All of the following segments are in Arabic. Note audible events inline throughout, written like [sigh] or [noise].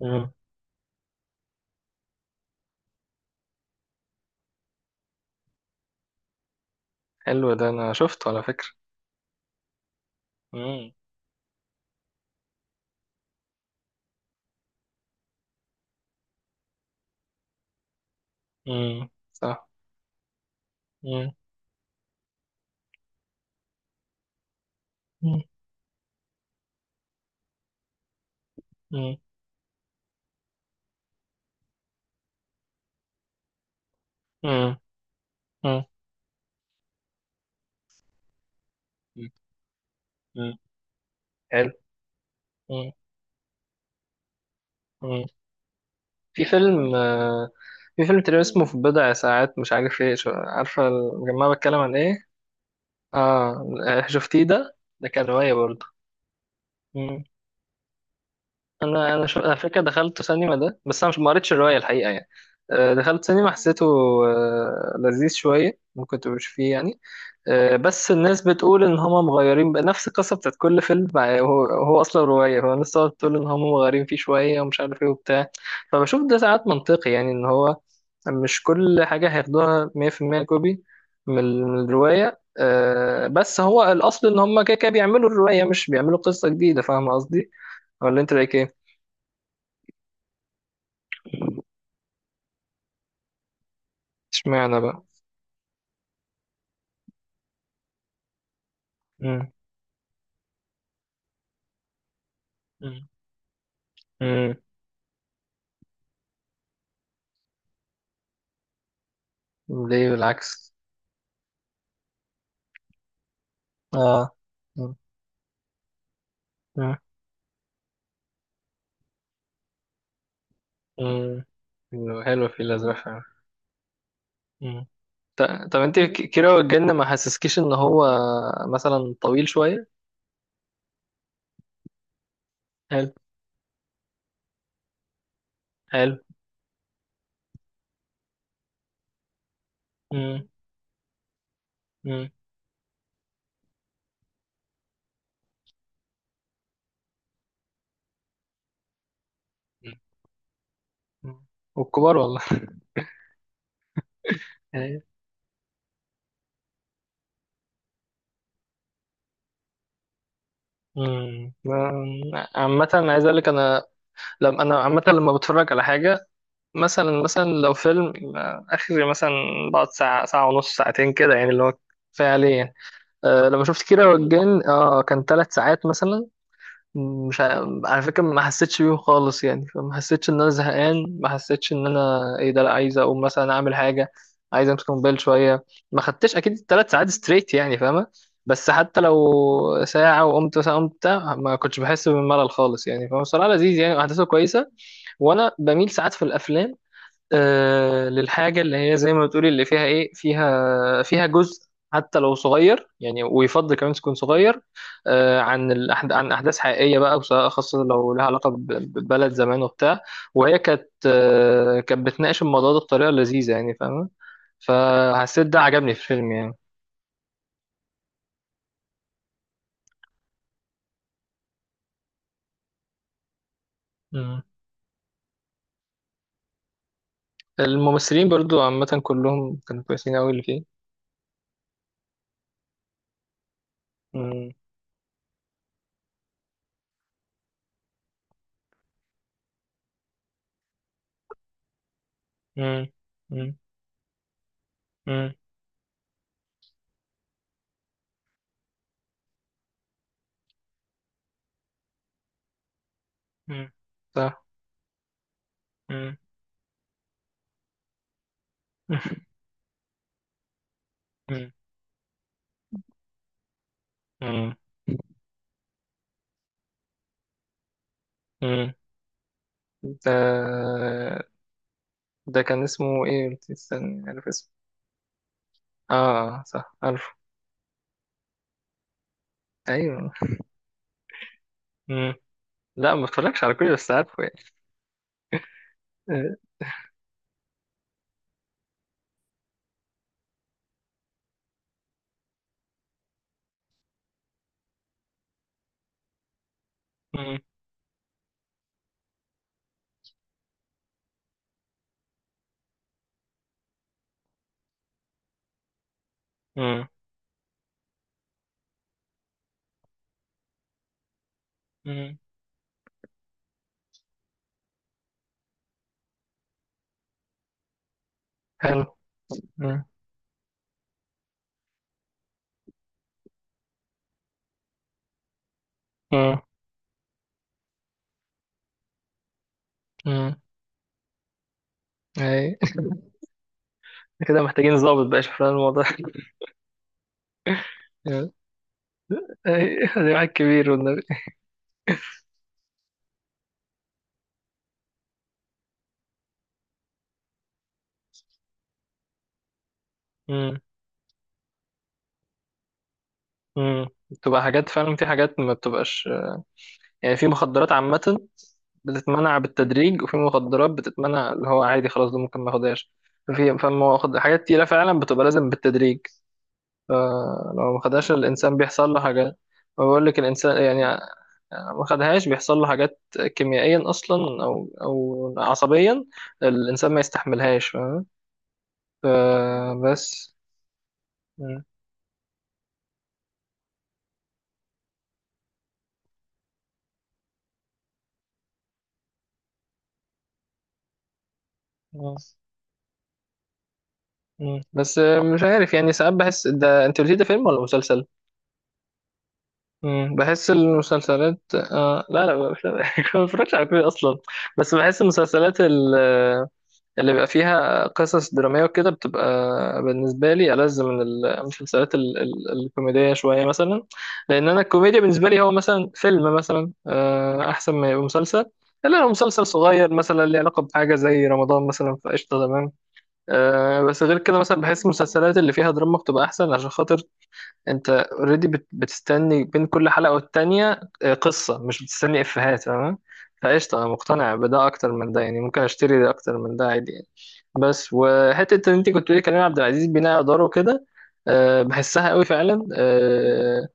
مم. حلو ده انا شفته على فكرة. مم. مم. صح. مم. مم. مم. مم. مم. مم. حلو. مم. مم. في فيلم آه، في فيلم تقريبا اسمه في بضع ساعات، مش عارف ايه. عارفة الجماعة بتكلم عن ايه؟ اه. شفتيه ده كان رواية برضه. مم. على فكرة دخلت سينما ده، بس انا مش ما قريتش الرواية الحقيقة يعني. دخلت سينما، حسيته لذيذ شوية، ممكن تبقى فيه يعني. بس الناس بتقول ان هما مغيرين بقى نفس القصه بتاعت كل فيلم. هو اصلا روايه، هو الناس تقعد تقول ان هما مغيرين فيه شويه ومش عارف ايه وبتاع. فبشوف ده ساعات منطقي يعني، ان هو مش كل حاجه هياخدوها 100% كوبي من الروايه. بس هو الاصل ان هما كده بيعملوا الروايه، مش بيعملوا قصه جديده. فاهم قصدي؟ ولا انت رايك ايه؟ اشمعنى بقى؟ امم. امم. ليه؟ بالعكس. اه. مم. مم. مم. حلو في الازرق. مم. ط- طب انت كيرة والجن ما حسسكيش ان هو مثلا طويل شوية؟ حلو. حلو. مم. مم. مم. والكبار والله. [laughs] يعني. مم. عامة عايز اقول لك انا، لما انا عامة لما بتفرج على حاجة مثلا، لو فيلم اخري مثلا، بقعد ساعة، ونص، ساعتين كده يعني، اللي هو كفاية عليه يعني. أه لما شفت كيرة والجن، اه كان ثلاث ساعات مثلا. مش على فكرة ما حسيتش بيه خالص يعني. فما حسيتش ان انا زهقان، ما حسيتش ان انا ايه ده، لا عايز اقوم مثلا اعمل حاجة، عايز امسك موبايل شوية. ما خدتش اكيد ثلاث ساعات ستريت يعني، فاهمة؟ بس حتى لو ساعة وقمت مثلا، قمت بتاع، ما كنتش بحس بالملل خالص يعني. فبصراحة لذيذ يعني، احداثه كويسة. وانا بميل ساعات في الافلام للحاجة اللي هي زي ما بتقولي، اللي فيها إيه، فيها جزء حتى لو صغير يعني، ويفضل كمان تكون صغير، عن عن أحداث حقيقية بقى، وسواء خاصة لو لها علاقة ببلد زمان وبتاع. وهي كانت كانت بتناقش الموضوع ده بطريقة لذيذة يعني، فاهمة؟ فحسيت ده عجبني في الفيلم يعني. مم. الممثلين برضو عامة كلهم كانوا كويسين أوي اللي فيه. مم. مم. مم. مم. مم. صح. مم. [laughs] مم. مم. مم. ده ده كان اسمه ايه؟ قلت استني، عارف اسمه. اه. صح، عارفه. ايوه. مم. لا ما اتفرجش على كل، بس عارفه يعني. آه. مم. مم. مم. حلو. مم. مم. مم. اي. [laughs] كده محتاجين ظابط بقى يشوف لنا الموضوع. [laughs] اي ده واحد كبير والنبي. مم. مم. بتبقى حاجات فعلا، في حاجات ما بتبقاش يعني. في مخدرات عامة بتتمنع بالتدريج، وفي مخدرات بتتمنع اللي هو عادي خلاص، ده ممكن ما ياخدهاش. حاجات تقيلة فعلا بتبقى لازم بالتدريج. فلو ما خدهاش الإنسان بيحصل له حاجات. بقول لك الإنسان يعني ما خدهاش بيحصل له حاجات، كيميائيا أصلا أو عصبيا الإنسان ما يستحملهاش، فاهم؟ فبس. م- م- م. بس مش عارف يعني. ساعات بحس ده، أنت قلتي ده فيلم ولا مسلسل؟ مم، بحس المسلسلات آه لا لا مش [laughs] لا ما بتفرجش على كوري اصلا. بس بحس المسلسلات اللي بيبقى فيها قصص دراميه وكده، بتبقى بالنسبه لي ألذ من المسلسلات الكوميديه شويه مثلا. لان انا الكوميديا بالنسبه لي هو مثلا فيلم مثلا، احسن ما يبقى مسلسل، الا لو مسلسل صغير مثلا ليه علاقه بحاجه زي رمضان مثلا، فقشطه تمام. بس غير كده مثلا بحس المسلسلات اللي فيها دراما بتبقى احسن، عشان خاطر انت اوريدي بتستني بين كل حلقة والتانية قصة، مش بتستني افيهات، تمام؟ فقشطة، انا مقتنع بده اكتر من ده يعني، ممكن اشتري ده اكتر من ده عادي يعني. بس وحتة ان انت كنت بتقولي كريم عبد العزيز بناء اداره كده، بحسها قوي فعلا.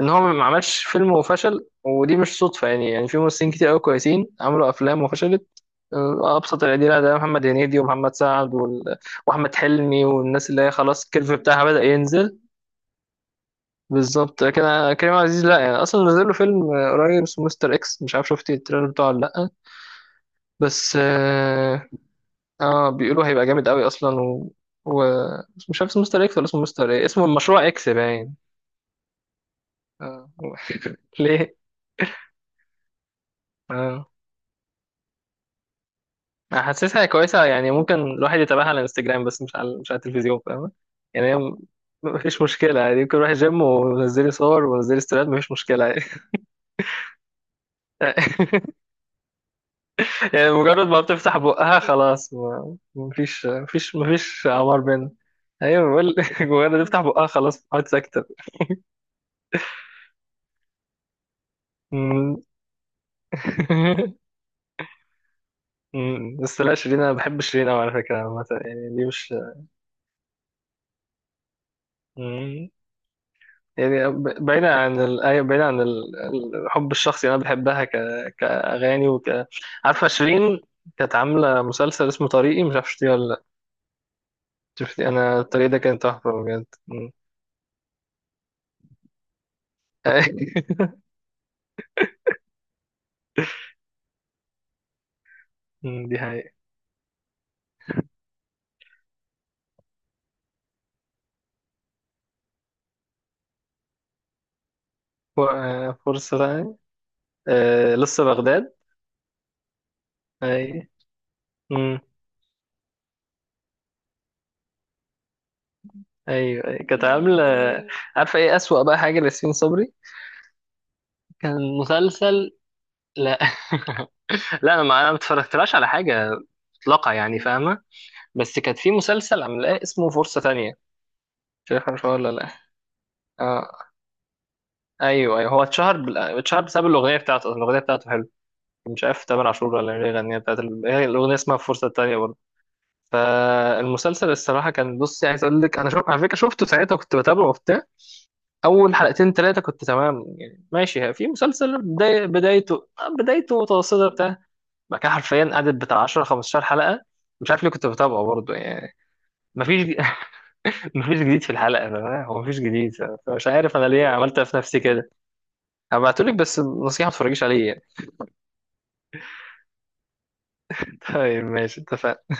ان هو ما عملش فيلم وفشل، ودي مش صدفة يعني. يعني في ممثلين كتير قوي كويسين عملوا افلام وفشلت. ابسط الادله ده محمد هنيدي ومحمد سعد واحمد حلمي، والناس اللي هي خلاص الكيرف بتاعها بدأ ينزل. بالظبط. كريم عزيز لا يعني، اصلا نزل له فيلم قريب اسمه مستر اكس، مش عارف شفتي التريلر بتاعه ولا لا. بس اه. بيقولوا هيبقى جامد قوي اصلا و... مش عارف اسمه مستر اكس ولا اسمه مستر ايه، اسمه مشروع اكس باين. آه. [laughs] ليه؟ اه. أنا حاسسها كويسه يعني، ممكن الواحد يتابعها على الانستجرام بس، مش على، مش على التلفزيون، فاهمة؟ يعني هي مفيش مشكله يعني، ممكن اروح الجيم ونزلي صور ونزلي ستوريات، مفيش مشكله يعني. [laughs] يعني مجرد ما بتفتح بقها خلاص، مفيش عمار بينا. ايوه بقول [laughs] مجرد ما تفتح بقها خلاص بتقعد ساكتة. أمم. أمم. [laughs] بس لا شيرين، انا بحب شيرين قوي على فكرة عامة يعني، دي مش. أمم. يعني بعيدا عن أيوة، بعيدا عن الحب الشخصي، انا بحبها كاغاني وك. عارفة شيرين كانت عاملة مسلسل اسمه طريقي، مش عارف شفتيه ولا لا. شفتي انا الطريق ده كان تحفة بجد. أمم. أمم، [laughs] دي حقيقة. ف- فرصة. آه لسه بغداد. اي. امم. ايوه. أيوة، كانت عامله. عارفه ايه اسوأ بقى حاجه لياسمين صبري؟ كان مسلسل. لا. [laughs] لا انا ما اتفرجتلاش على حاجه مطلقه يعني، فاهمه؟ بس كانت في مسلسل عاملاه اسمه فرصه تانية، مش عارف ولا لا. اه. ايوه، ايوه، هو اتشهر اتشهر بسبب الاغنيه بتاعته، الاغنيه بتاعته حلوه، مش عارف تامر عاشور ولا اللي غنيها بتاعت هي الاغنيه اسمها فرصه تانية برضه. فالمسلسل الصراحه كان، بص عايز اقول لك انا، شوف على فكره شفته ساعتها كنت بتابعه وبتاع. اول حلقتين ثلاثه كنت تمام يعني، ماشي في مسلسل بداية، بدايته متوسطه بتاع. بعد كده حرفيا قعدت بتاع 10 15 حلقه، مش عارف ليه كنت بتابعه برضه يعني. مفيش. [laughs] مفيش جديد في الحلقه، فاهم؟ هو مفيش جديد. فمش عارف انا ليه عملت إيه في نفسي كده. هبعتهولك، بس نصيحه ما تتفرجيش عليه يعني. [laughs] طيب ماشي، اتفقنا.